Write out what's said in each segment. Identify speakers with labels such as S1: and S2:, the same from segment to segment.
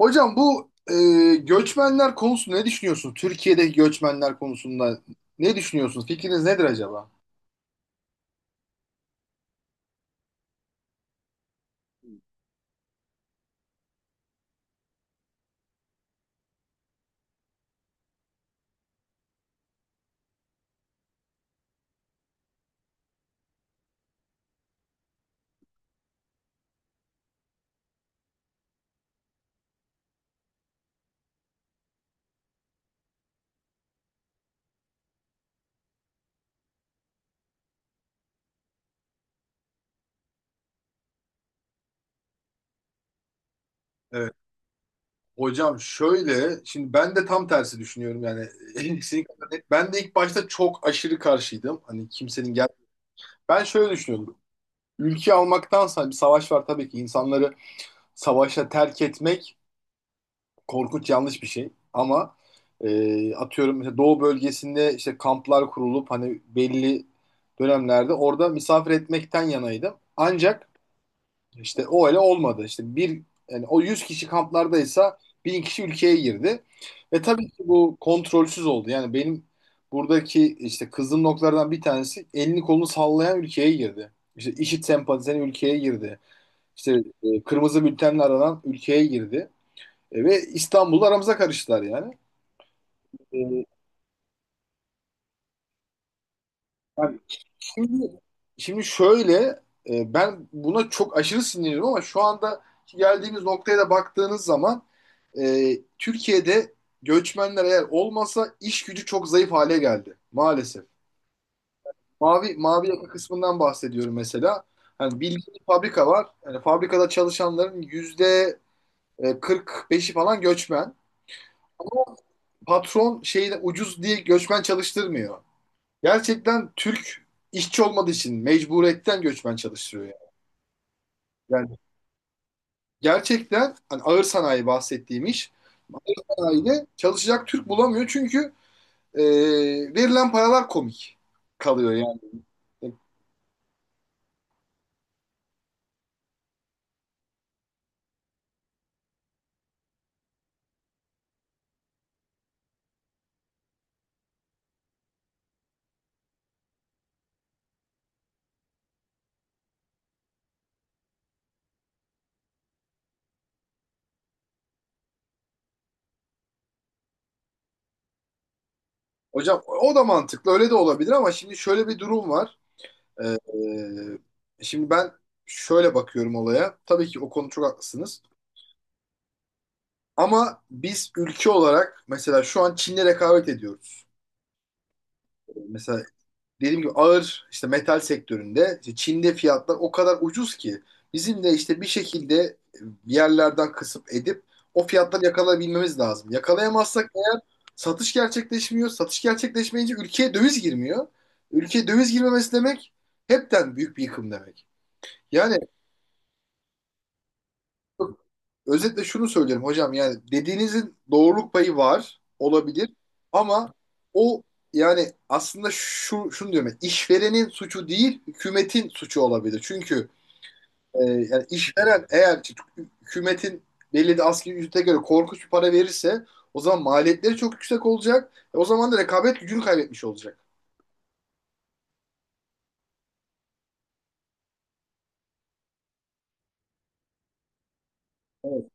S1: Hocam göçmenler konusunda ne düşünüyorsunuz? Türkiye'deki göçmenler konusunda ne düşünüyorsunuz? Fikriniz nedir acaba? Evet. Hocam şöyle, şimdi ben de tam tersi düşünüyorum yani. Kesinlikle. Ben de ilk başta çok aşırı karşıydım. Hani kimsenin gel. Ben şöyle düşünüyordum. Ülke almaktansa bir savaş var tabii ki. İnsanları savaşa terk etmek korkunç yanlış bir şey ama atıyorum mesela doğu bölgesinde işte kamplar kurulup hani belli dönemlerde orada misafir etmekten yanaydım. Ancak işte o öyle olmadı. İşte bir yani o 100 kişi kamplardaysa 1000 kişi ülkeye girdi. Ve tabii ki bu kontrolsüz oldu. Yani benim buradaki işte kızdığım noktalardan bir tanesi elini kolunu sallayan ülkeye girdi. İşte IŞİD sempatizanı ülkeye girdi. İşte Kırmızı bültenle aranan ülkeye girdi. Ve İstanbul'da aramıza karıştılar yani. E, yani şimdi, şimdi şöyle Ben buna çok aşırı sinirliyim ama şu anda geldiğimiz noktaya da baktığınız zaman e, Türkiye'de göçmenler eğer olmasa iş gücü çok zayıf hale geldi maalesef. Mavi yaka kısmından bahsediyorum mesela. Hani bildiğin fabrika var. Yani fabrikada çalışanların yüzde 45'i falan göçmen. Ama patron şeyi ucuz diye göçmen çalıştırmıyor. Gerçekten Türk işçi olmadığı için mecburiyetten göçmen çalıştırıyor yani. Yani gerçekten hani ağır sanayi bahsettiğim iş ağır sanayide çalışacak Türk bulamıyor çünkü e, verilen paralar komik kalıyor yani. Hocam o da mantıklı öyle de olabilir ama şimdi şöyle bir durum var. E, Şimdi ben şöyle bakıyorum olaya. Tabii ki o konu çok haklısınız. Ama biz ülke olarak mesela şu an Çin'le rekabet ediyoruz. Mesela dediğim gibi ağır işte metal sektöründe işte Çin'de fiyatlar o kadar ucuz ki bizim de işte bir şekilde bir yerlerden kısıp edip o fiyatları yakalayabilmemiz lazım. Yakalayamazsak eğer satış gerçekleşmiyor. Satış gerçekleşmeyince ülkeye döviz girmiyor. Ülkeye döviz girmemesi demek hepten büyük bir yıkım demek. Yani özetle şunu söylerim hocam yani dediğinizin doğruluk payı var olabilir ama o yani aslında şunu diyorum ben, işverenin suçu değil hükümetin suçu olabilir. Çünkü yani işveren eğer ki hükümetin belli de asgari ücrete göre korkunç bir para verirse o zaman maliyetleri çok yüksek olacak. E, o zaman da rekabet gücünü kaybetmiş olacak. Evet.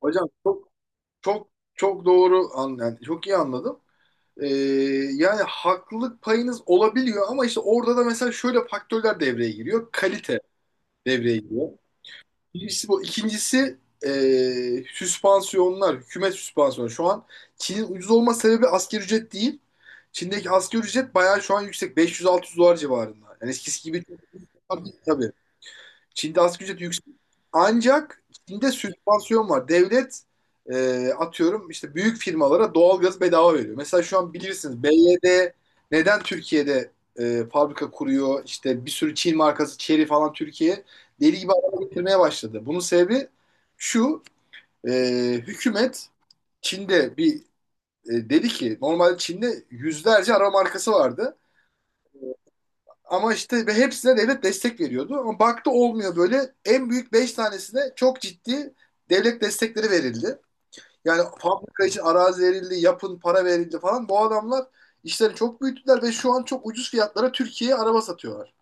S1: Hocam çok çok çok doğru an yani çok iyi anladım. Ee, Yani haklılık payınız olabiliyor ama işte orada da mesela şöyle faktörler devreye giriyor. Kalite devreye giriyor. Birincisi bu. İkincisi süspansiyonlar, hükümet süspansiyonu. Şu an Çin'in ucuz olma sebebi asgari ücret değil. Çin'deki asgari ücret bayağı şu an yüksek. 500-600 dolar civarında. Yani eskisi gibi çok- tabii. Çin'de asgari ücret yüksek. Ancak Çin'de sübvansiyon var. Devlet atıyorum işte büyük firmalara doğalgaz bedava veriyor. Mesela şu an bilirsiniz BYD neden Türkiye'de fabrika kuruyor? İşte bir sürü Çin markası Chery falan Türkiye deli gibi araba getirmeye başladı. Bunun sebebi şu e, Hükümet Çin'de dedi ki normalde Çin'de yüzlerce araba markası vardı. Ama işte ve hepsine devlet destek veriyordu. Ama baktı olmuyor böyle. En büyük 5 tanesine çok ciddi devlet destekleri verildi. Yani fabrika için arazi verildi, yapın para verildi falan. Bu adamlar işleri çok büyüttüler ve şu an çok ucuz fiyatlara Türkiye'ye araba satıyorlar.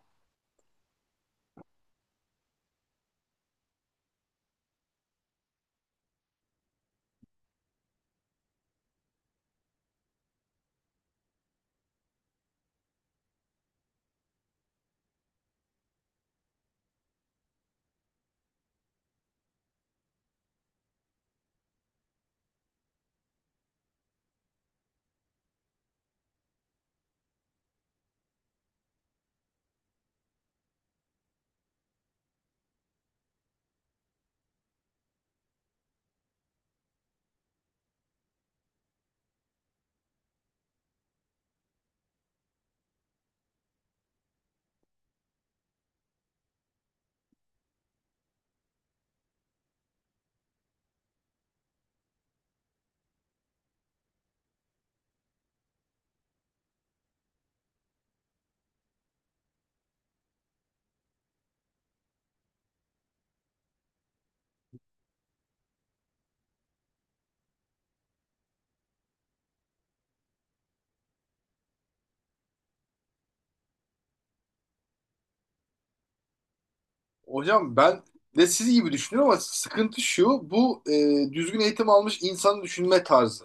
S1: Hocam ben de siz gibi düşünüyorum ama sıkıntı şu, düzgün eğitim almış insanı düşünme tarzı.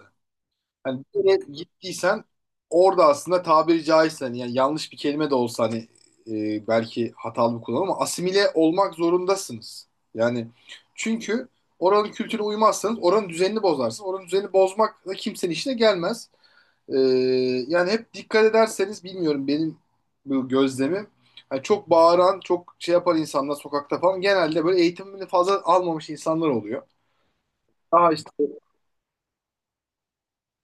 S1: Hani bir yere gittiysen orada aslında tabiri caizse hani yani yanlış bir kelime de olsa hani belki hatalı bir kullanım ama asimile olmak zorundasınız. Yani çünkü oranın kültürüne uymazsanız oranın düzenini bozarsınız. Oranın düzenini bozmak da kimsenin işine gelmez. E, Yani hep dikkat ederseniz bilmiyorum benim bu gözlemim. Hani çok bağıran, çok şey yapan insanlar sokakta falan genelde böyle eğitimini fazla almamış insanlar oluyor. Daha işte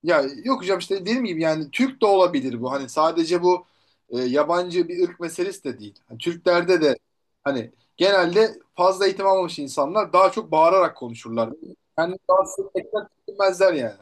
S1: ya yok hocam işte dediğim gibi yani Türk de olabilir bu. Hani sadece yabancı bir ırk meselesi de değil. Hani Türklerde de hani genelde fazla eğitim almamış insanlar daha çok bağırarak konuşurlar. Kendini rahatsız etmekten çekinmezler yani.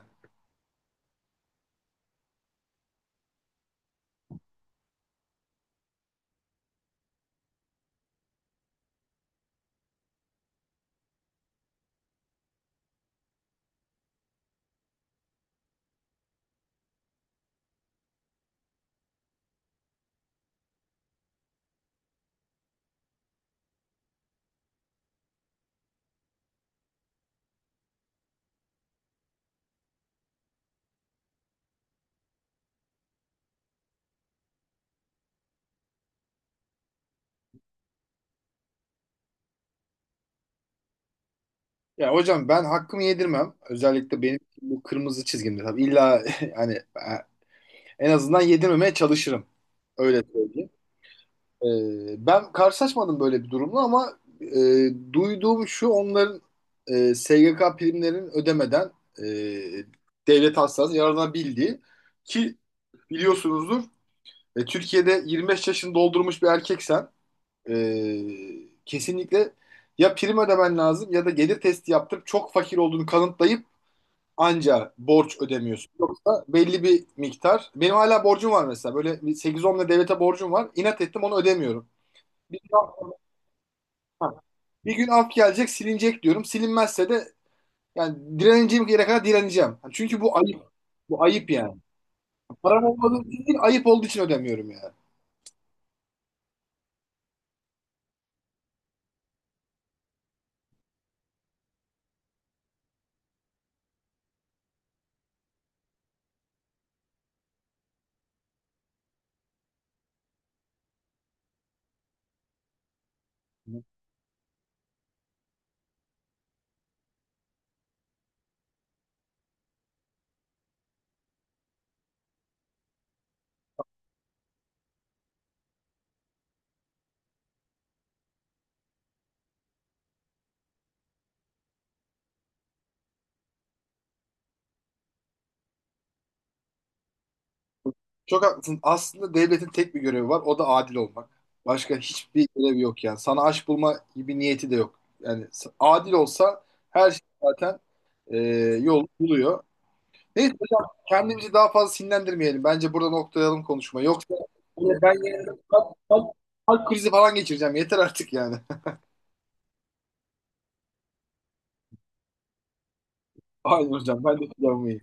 S1: Ya hocam ben hakkımı yedirmem. Özellikle benim bu kırmızı çizgimde tabii. illa hani en azından yedirmemeye çalışırım. Öyle söyleyeyim. Ben karşılaşmadım böyle bir durumla ama duyduğum şu onların SGK primlerini ödemeden e, devlet hastanesi yararlanabildiği ki biliyorsunuzdur Türkiye'de 25 yaşını doldurmuş bir erkeksen kesinlikle ya prim ödemen lazım ya da gelir testi yaptırıp çok fakir olduğunu kanıtlayıp anca borç ödemiyorsun. Yoksa belli bir miktar. Benim hala borcum var mesela. Böyle bir 8-10 lira devlete borcum var. İnat ettim onu ödemiyorum. Bir ha, bir gün af gelecek, silinecek diyorum. Silinmezse de yani direneceğim yere kadar direneceğim. Ha, çünkü bu ayıp. Bu ayıp yani. Param olmadığı için değil, ayıp olduğu için ödemiyorum yani. Çok haklısın. Aslında devletin tek bir görevi var. O da adil olmak. Başka hiçbir görevi yok yani. Sana aş bulma gibi niyeti de yok. Yani s- adil olsa her şey zaten e, yol buluyor. Neyse hocam kendimizi daha fazla sinirlendirmeyelim. Bence burada noktalayalım konuşma. Yoksa yine ben yarın kalp krizi falan geçireceğim. Yeter artık yani. Aynen hocam ben de planımı